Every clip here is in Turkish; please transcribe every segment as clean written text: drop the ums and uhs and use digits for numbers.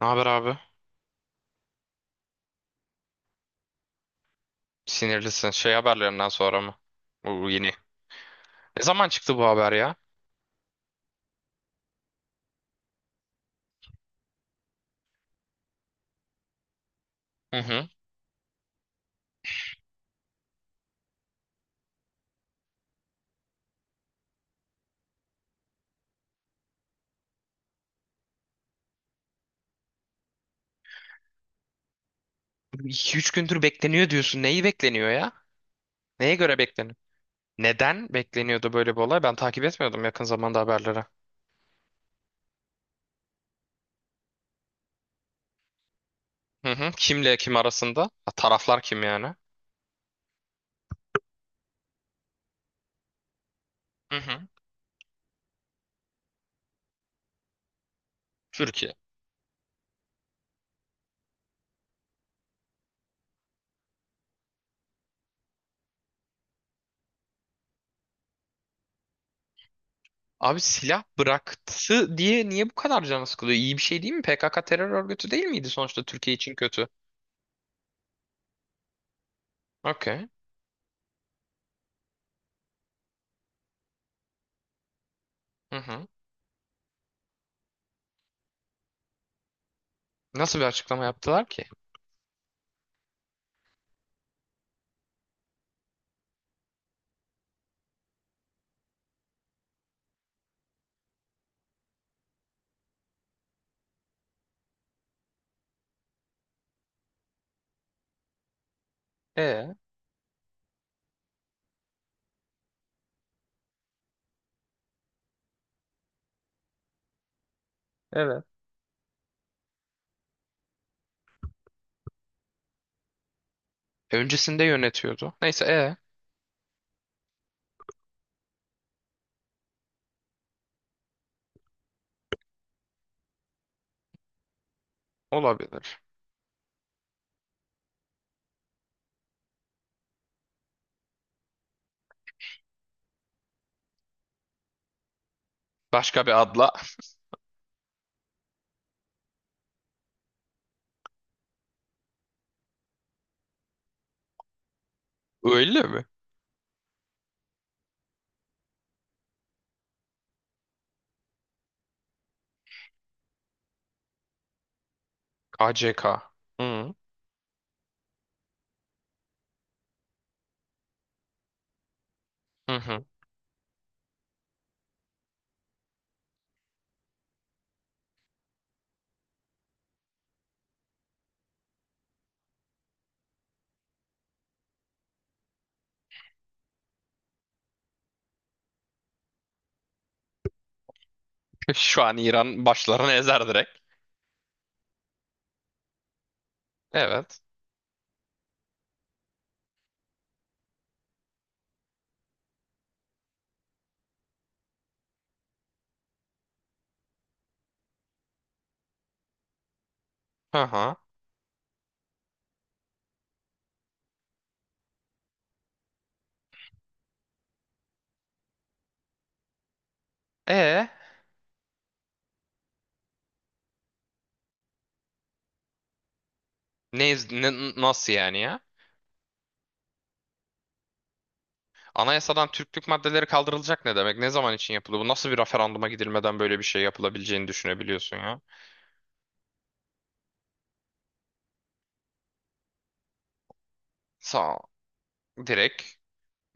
Ne haber abi? Sinirlisin. Şey haberlerinden sonra mı? Bu yeni. Ne zaman çıktı bu haber ya? Hı hı. 2-3 gündür bekleniyor diyorsun. Neyi bekleniyor ya? Neye göre bekleniyor? Neden bekleniyordu böyle bir olay? Ben takip etmiyordum yakın zamanda haberleri. Hı hı. Kimle kim arasında? Ha, taraflar kim yani? Hı hı. Türkiye. Abi silah bıraktı diye niye bu kadar canı sıkılıyor? İyi bir şey değil mi? PKK terör örgütü değil miydi sonuçta Türkiye için kötü? Okey. Hı hı. Nasıl bir açıklama yaptılar ki? E, evet. Öncesinde yönetiyordu. Neyse, olabilir. Başka bir adla. Öyle mi? KCK. Hı hı. Hı. Şu an İran başlarını ezer direkt. Evet. Hı hı. E Nasıl yani ya? Anayasadan Türklük maddeleri kaldırılacak ne demek? Ne zaman için yapıldı? Bu nasıl bir referanduma gidilmeden böyle bir şey yapılabileceğini düşünebiliyorsun ya? Sağ direkt.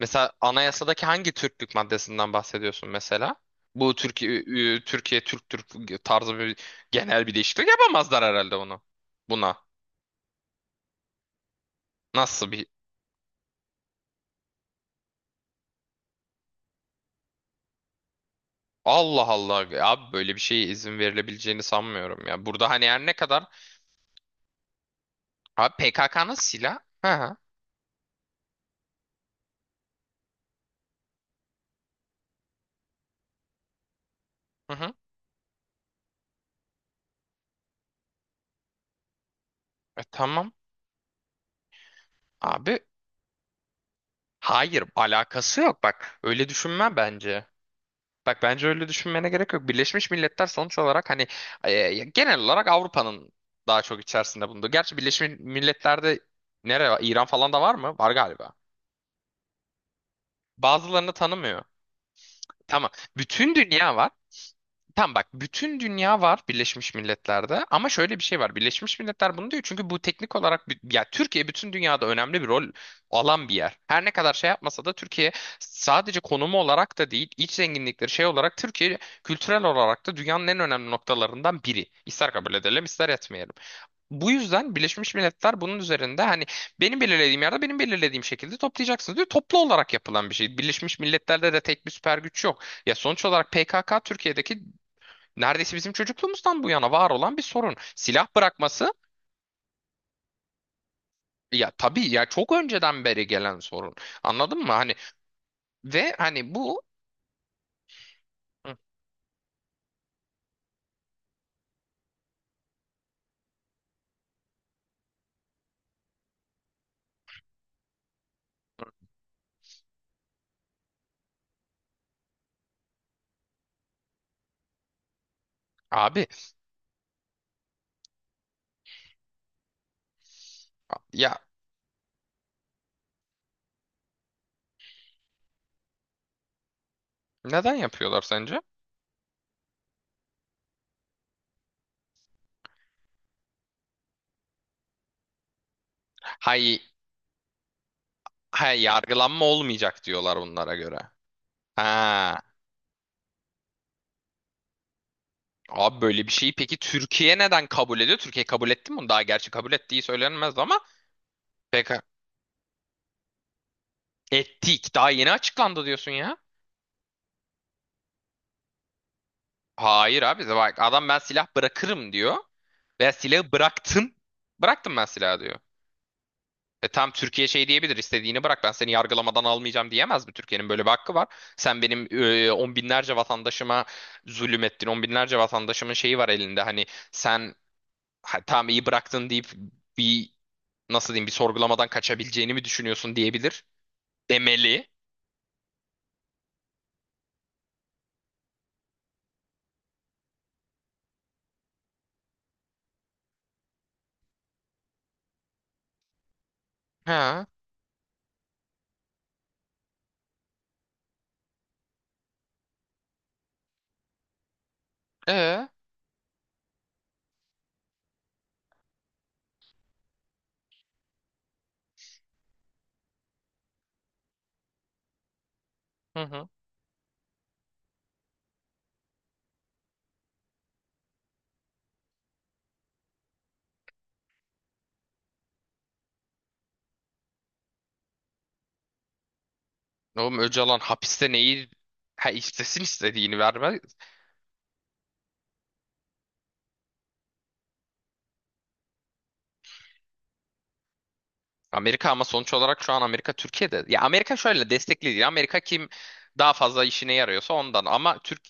Mesela anayasadaki hangi Türklük maddesinden bahsediyorsun mesela? Bu Türkiye Türk tarzı bir genel bir değişiklik yapamazlar herhalde onu. Buna. Nasıl bir Allah Allah abi böyle bir şeye izin verilebileceğini sanmıyorum ya. Burada hani her ne kadar abi PKK'nın silah. Hı hı. Hı hı. E tamam abi. Hayır alakası yok bak. Öyle düşünme bence. Bak bence öyle düşünmene gerek yok. Birleşmiş Milletler sonuç olarak hani genel olarak Avrupa'nın daha çok içerisinde bulunduğu. Gerçi Birleşmiş Milletler'de nere var? İran falan da var mı? Var galiba. Bazılarını tanımıyor. Tamam. Bütün dünya var. Tam bak bütün dünya var Birleşmiş Milletler'de ama şöyle bir şey var. Birleşmiş Milletler bunu diyor çünkü bu teknik olarak ya Türkiye bütün dünyada önemli bir rol alan bir yer. Her ne kadar şey yapmasa da Türkiye sadece konumu olarak da değil, iç zenginlikleri şey olarak Türkiye kültürel olarak da dünyanın en önemli noktalarından biri. İster kabul edelim, ister etmeyelim. Bu yüzden Birleşmiş Milletler bunun üzerinde hani benim belirlediğim yerde benim belirlediğim şekilde toplayacaksınız diyor. Toplu olarak yapılan bir şey. Birleşmiş Milletler'de de tek bir süper güç yok. Ya sonuç olarak PKK Türkiye'deki neredeyse bizim çocukluğumuzdan bu yana var olan bir sorun. Silah bırakması ya tabii ya çok önceden beri gelen sorun. Anladın mı? Hani ve hani bu Hı, abi ya neden yapıyorlar sence? Hay hay yargılanma olmayacak diyorlar bunlara göre. Ha. Abi böyle bir şeyi peki Türkiye neden kabul ediyor? Türkiye kabul etti mi bunu? Daha gerçi kabul ettiği söylenmez ama peki ettik. Daha yeni açıklandı diyorsun ya. Hayır abi de bak adam ben silah bırakırım diyor. Ve silahı bıraktım. Bıraktım ben silahı diyor. E tam Türkiye şey diyebilir istediğini bırak ben seni yargılamadan almayacağım diyemez mi? Türkiye'nin böyle bir hakkı var. Sen benim on binlerce vatandaşıma zulüm ettin. On binlerce vatandaşımın şeyi var elinde. Hani sen ha, tamam iyi bıraktın deyip bir nasıl diyeyim bir sorgulamadan kaçabileceğini mi düşünüyorsun diyebilir. Demeli. Ha. E. Hı hı. Oğlum Öcalan hapiste neyi ha istesin istediğini vermez Amerika ama sonuç olarak şu an Amerika Türkiye'de. Ya Amerika şöyle destekli değil. Amerika kim daha fazla işine yarıyorsa ondan. Ama Türk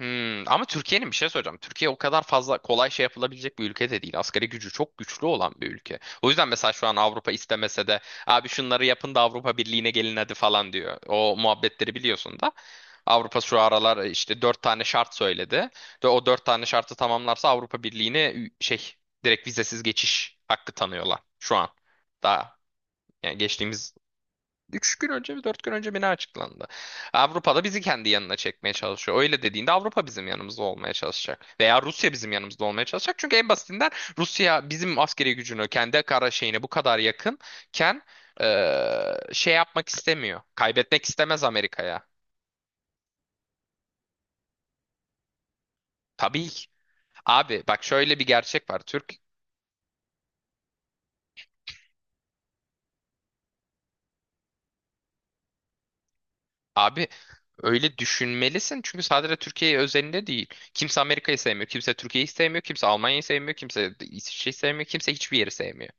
Hmm, ama Türkiye'nin bir şey söyleyeceğim. Türkiye o kadar fazla kolay şey yapılabilecek bir ülke de değil. Asgari gücü çok güçlü olan bir ülke. O yüzden mesela şu an Avrupa istemese de abi şunları yapın da Avrupa Birliği'ne gelin hadi falan diyor. O muhabbetleri biliyorsun da. Avrupa şu aralar işte dört tane şart söyledi. Ve o dört tane şartı tamamlarsa Avrupa Birliği'ne şey direkt vizesiz geçiş hakkı tanıyorlar şu an. Daha yani geçtiğimiz 3 gün önce mi 4 gün önce mi ne açıklandı? Avrupa'da bizi kendi yanına çekmeye çalışıyor. Öyle dediğinde Avrupa bizim yanımızda olmaya çalışacak. Veya Rusya bizim yanımızda olmaya çalışacak. Çünkü en basitinden Rusya bizim askeri gücünü kendi kara şeyine bu kadar yakınken şey yapmak istemiyor. Kaybetmek istemez Amerika'ya. Tabii. Abi bak şöyle bir gerçek var. Türk Abi öyle düşünmelisin çünkü sadece Türkiye özelinde değil. Kimse Amerika'yı sevmiyor, kimse Türkiye'yi sevmiyor, kimse Almanya'yı sevmiyor, kimse İsviçre'yi sevmiyor, kimse hiçbir yeri sevmiyor.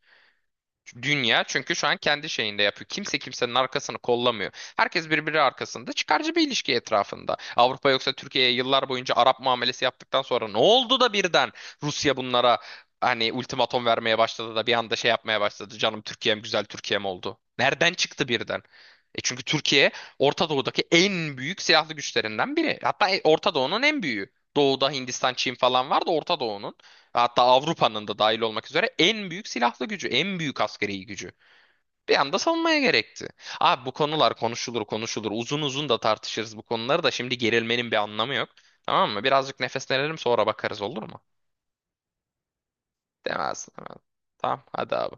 Dünya çünkü şu an kendi şeyinde yapıyor. Kimse kimsenin arkasını kollamıyor. Herkes birbiri arkasında çıkarcı bir ilişki etrafında. Avrupa yoksa Türkiye'ye yıllar boyunca Arap muamelesi yaptıktan sonra ne oldu da birden Rusya bunlara hani ultimatom vermeye başladı da bir anda şey yapmaya başladı. Canım Türkiye'm güzel Türkiye'm oldu. Nereden çıktı birden? E çünkü Türkiye Orta Doğu'daki en büyük silahlı güçlerinden biri. Hatta Orta Doğu'nun en büyüğü. Doğu'da Hindistan, Çin falan var da Orta Doğu'nun Hatta Avrupa'nın da dahil olmak üzere en büyük silahlı gücü, en büyük askeri gücü. Bir anda savunmaya gerekti. Abi bu konular konuşulur konuşulur. Uzun uzun da tartışırız bu konuları da şimdi gerilmenin bir anlamı yok. Tamam mı? Birazcık nefeslenelim sonra bakarız olur mu? Demez. Demez. Tamam hadi abi.